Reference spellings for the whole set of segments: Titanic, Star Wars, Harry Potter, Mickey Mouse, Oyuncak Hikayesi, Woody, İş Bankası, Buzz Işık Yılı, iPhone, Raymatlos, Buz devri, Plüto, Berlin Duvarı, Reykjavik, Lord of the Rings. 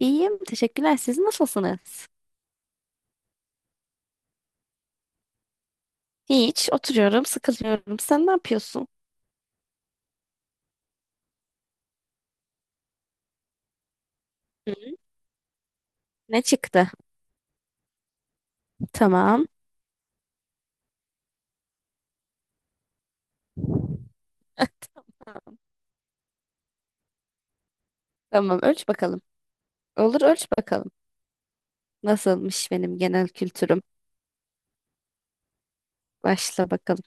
İyiyim, teşekkürler. Siz nasılsınız? Hiç, oturuyorum, sıkılıyorum. Sen ne yapıyorsun? Hı. Ne çıktı? Tamam. Tamam, Tamam, ölç bakalım. Olur, ölç bakalım. Nasılmış benim genel kültürüm? Başla bakalım.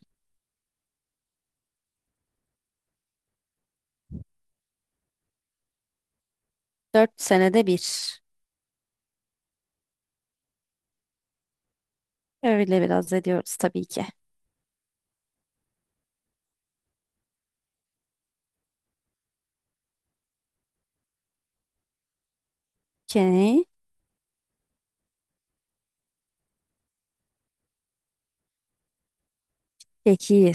4 senede bir. Öyle biraz ediyoruz tabii ki. Okey. Tekir.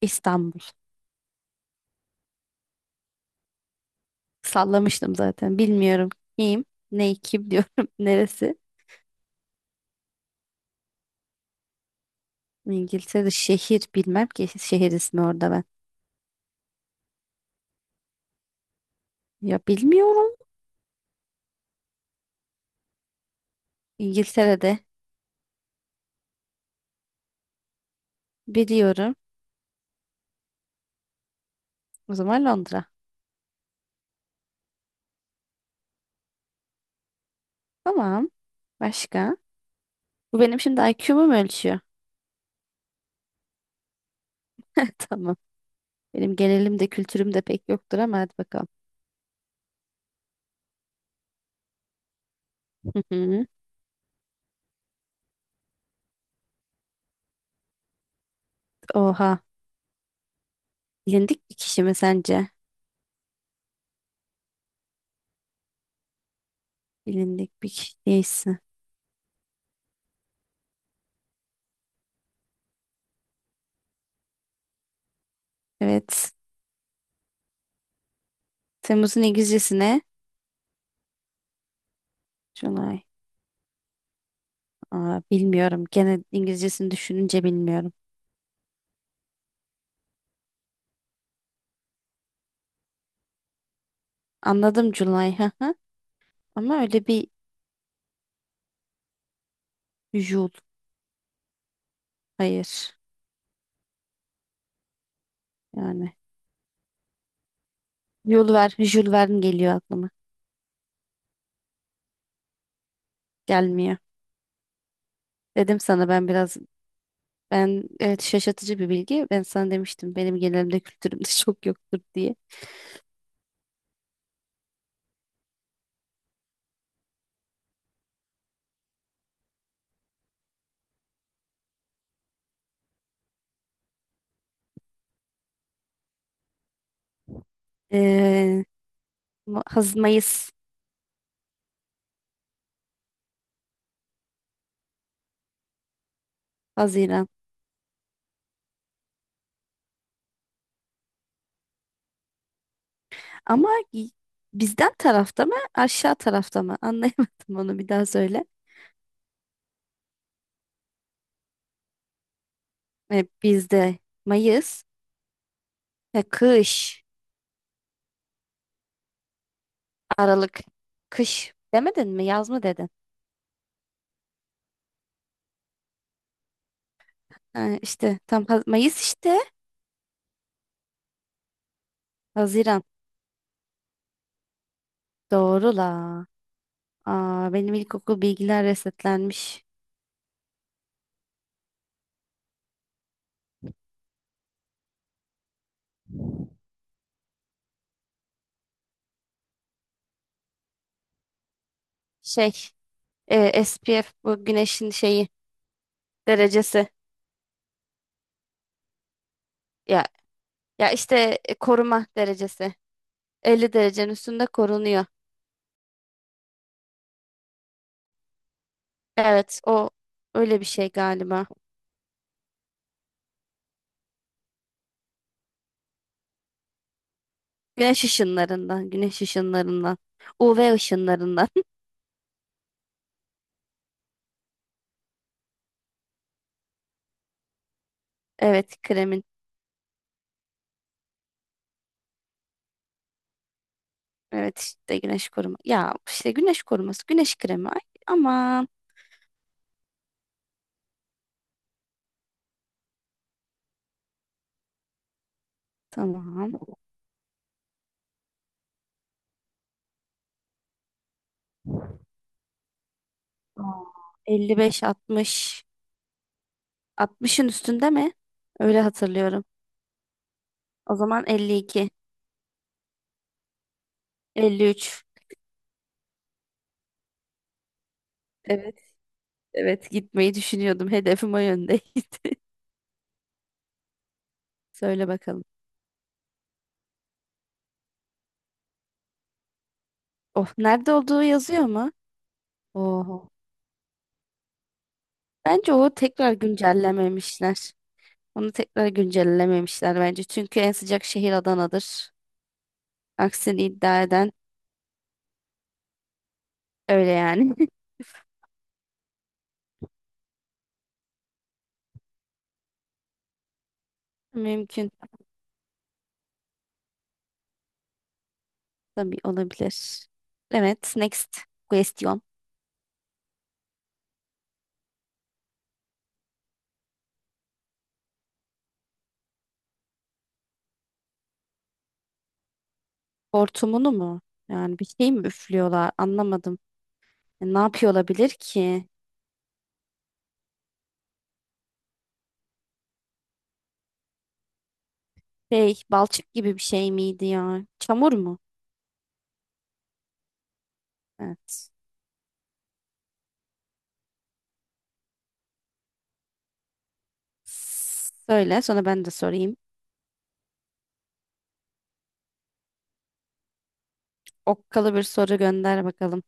İstanbul. Sallamıştım zaten. Bilmiyorum kim, ne kim diyorum. Neresi? İngiltere'de şehir bilmem ki şehir ismi orada ben. Ya bilmiyorum. İngiltere'de Biliyorum. O zaman Londra. Tamam. Başka? Bu benim şimdi IQ'mu mu ölçüyor? Tamam. Benim genelim de kültürüm de pek yoktur ama hadi bakalım. Hı hı. Oha. Bilindik bir kişi mi sence? Bilindik bir kişi değilsin. Evet. Temmuz'un İngilizcesi ne? July. Aa, bilmiyorum. Gene İngilizcesini düşününce bilmiyorum. Anladım July. Hı hı. Ama öyle bir Jul. Hayır. Yani. Jul Verne geliyor aklıma. Gelmiyor. Dedim sana ben biraz Ben evet şaşırtıcı bir bilgi. Ben sana demiştim benim genelimde kültürümde çok yoktur diye. Ee, Ma- Haz Mayıs, Haziran. Ama bizden tarafta mı, aşağı tarafta mı? Anlayamadım onu bir daha söyle. Bizde Mayıs ve kış, Aralık, kış demedin mi? Yaz mı dedin? Ha, işte tam Mayıs işte Haziran. Doğru la. Aa, benim ilkokul bilgiler resetlenmiş. Şey, SPF bu güneşin şeyi derecesi. Ya ya işte koruma derecesi. 50 derecenin üstünde korunuyor. Evet, o öyle bir şey galiba. Güneş ışınlarından, güneş ışınlarından, UV ışınlarından. Evet, kremin. Evet işte güneş koruma. Ya işte güneş koruması, güneş kremi. Ay, aman tamam. Aa, 55 60 60'ın üstünde mi? Öyle hatırlıyorum. O zaman 52, 53. Evet, evet gitmeyi düşünüyordum. Hedefim o yöndeydi. Söyle bakalım. Oh, nerede olduğu yazıyor mu? Oho. Bence o tekrar güncellememişler. Onu tekrar güncellememişler bence. Çünkü en sıcak şehir Adana'dır. Aksini iddia eden öyle yani. Mümkün. Tabii olabilir. Evet, next question. Hortumunu mu? Yani bir şey mi üflüyorlar? Anlamadım. Ne yapıyor olabilir ki? Şey, balçık gibi bir şey miydi ya? Çamur mu? Evet. Söyle, sonra ben de sorayım. Okkalı bir soru gönder bakalım.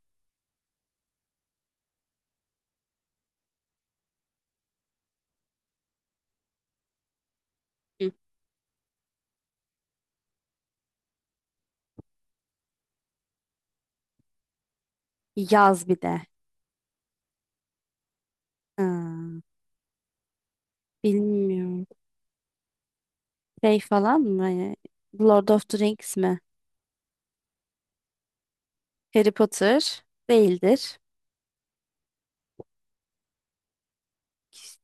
Yaz bir de. Ha, bilmiyorum. Şey falan mı? Hani Lord of the Rings mi? Harry Potter değildir.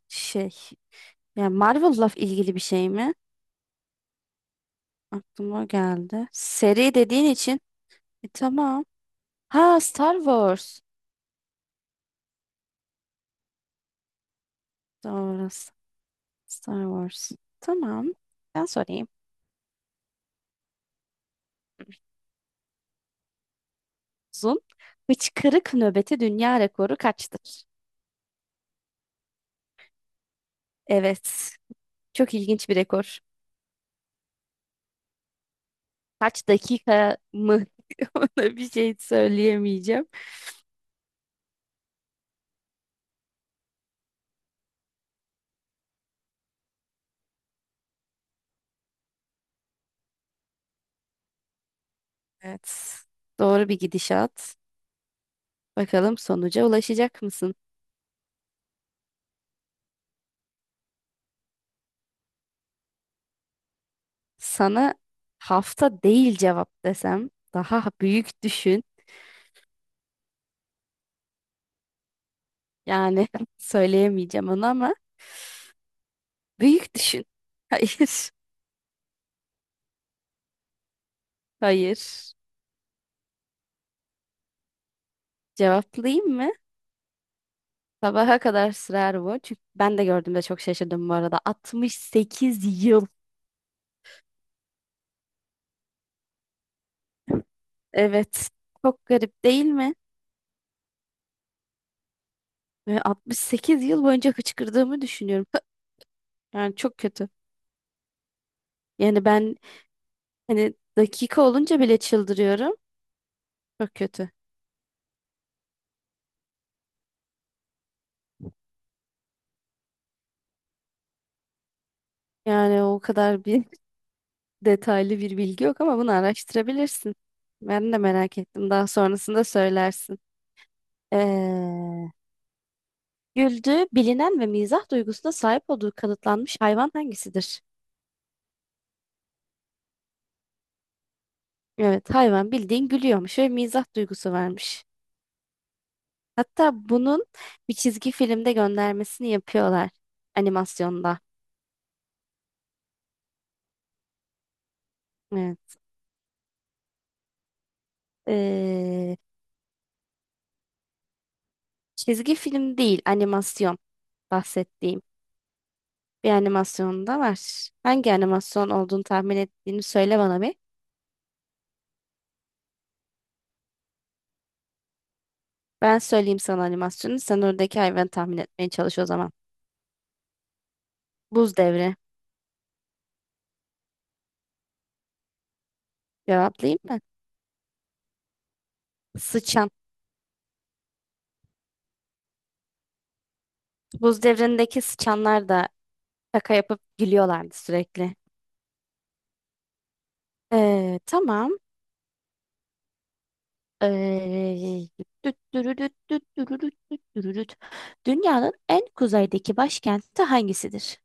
Şey. Ya Marvel'la ilgili bir şey mi? Aklıma o geldi. Seri dediğin için. Tamam. Ha Star Wars. Doğru. Star Wars. Tamam. Ben sorayım. Uzun. Hıçkırık nöbeti dünya rekoru kaçtır? Evet. Çok ilginç bir rekor. Kaç dakika mı, ona bir şey söyleyemeyeceğim. Evet. Doğru bir gidişat. Bakalım sonuca ulaşacak mısın? Sana hafta değil cevap desem daha büyük düşün. Yani söyleyemeyeceğim onu ama büyük düşün. Hayır. Hayır. Cevaplayayım mı? Sabaha kadar sürer bu. Çünkü ben de gördüğümde çok şaşırdım bu arada. 68 yıl. Evet. Çok garip değil mi? Ve 68 yıl boyunca hıçkırdığımı düşünüyorum. Hı, Yani çok kötü. Yani ben hani dakika olunca bile çıldırıyorum. Çok kötü. Yani o kadar bir detaylı bir bilgi yok ama bunu araştırabilirsin. Ben de merak ettim. Daha sonrasında söylersin. Ee, güldüğü bilinen ve mizah duygusuna sahip olduğu kanıtlanmış hayvan hangisidir? Evet, hayvan bildiğin gülüyormuş ve mizah duygusu varmış. Hatta bunun bir çizgi filmde göndermesini yapıyorlar animasyonda. Evet. Ee, çizgi film değil, animasyon bahsettiğim bir animasyon da var. Hangi animasyon olduğunu tahmin ettiğini söyle bana bir. Ben söyleyeyim sana animasyonu. Sen oradaki hayvanı tahmin etmeye çalış o zaman. Buz devri. Cevaplayayım mı? Sıçan. Buz devrindeki sıçanlar da şaka yapıp gülüyorlardı sürekli. Tamam. Ee, düt dürüdüt düt dürüdüt düt dürüdüt. Dünyanın en kuzeydeki başkenti hangisidir?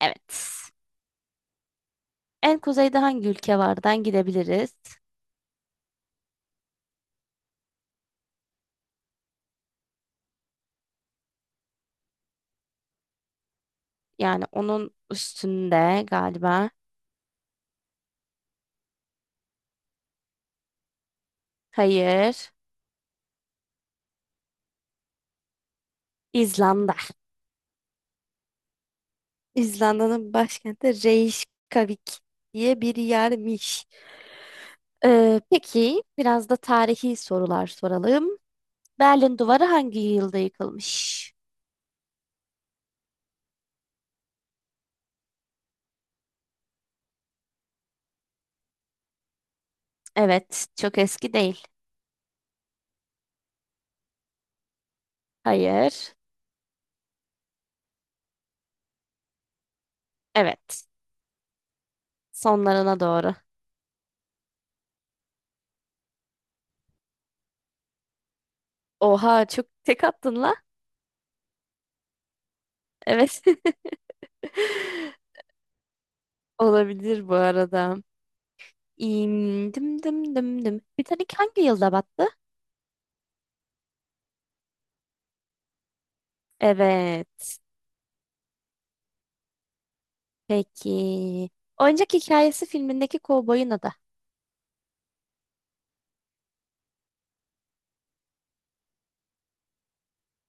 Evet. En kuzeyde hangi ülke vardan gidebiliriz? Yani onun üstünde galiba. Hayır. İzlanda. İzlanda'nın başkenti Reykjavik diye bir yermiş. Peki biraz da tarihi sorular soralım. Berlin Duvarı hangi yılda yıkılmış? Evet, çok eski değil. Hayır. Evet, sonlarına doğru. Oha, çok tek attın la. Evet. Olabilir bu arada. İm, dım dım dım dım. Titanic hangi yılda battı? Evet. Peki. Oyuncak Hikayesi filmindeki kovboyun adı.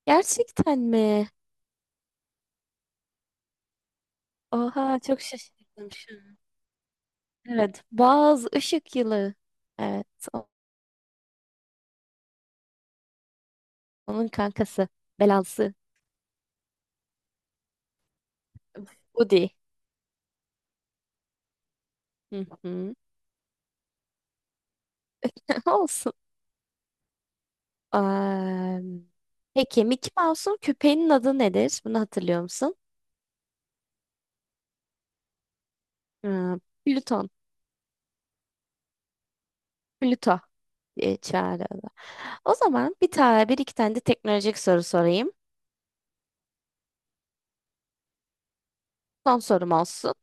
Gerçekten mi? Oha çok şaşırdım şu an. Evet. Buzz Işık Yılı. Evet. o- Onun kankası. Belası. Woody. Hı hı. Olsun. Am, peki Mickey Mouse'un köpeğinin adı nedir? Bunu hatırlıyor musun? Aa, Plüton. Plüto diye çağırıyor. O zaman bir iki tane de teknolojik soru sorayım. Son sorum olsun.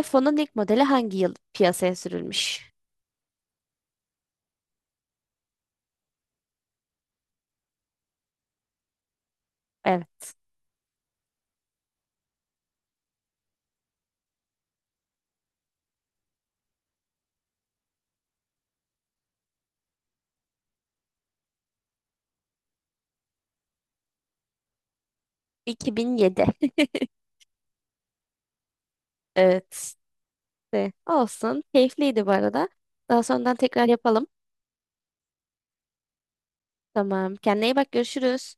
iPhone'un ilk modeli hangi yıl piyasaya sürülmüş? Evet. 2007. Evet. De, olsun. Keyifliydi bu arada. Daha sonradan tekrar yapalım. Tamam. Kendine iyi bak. Görüşürüz.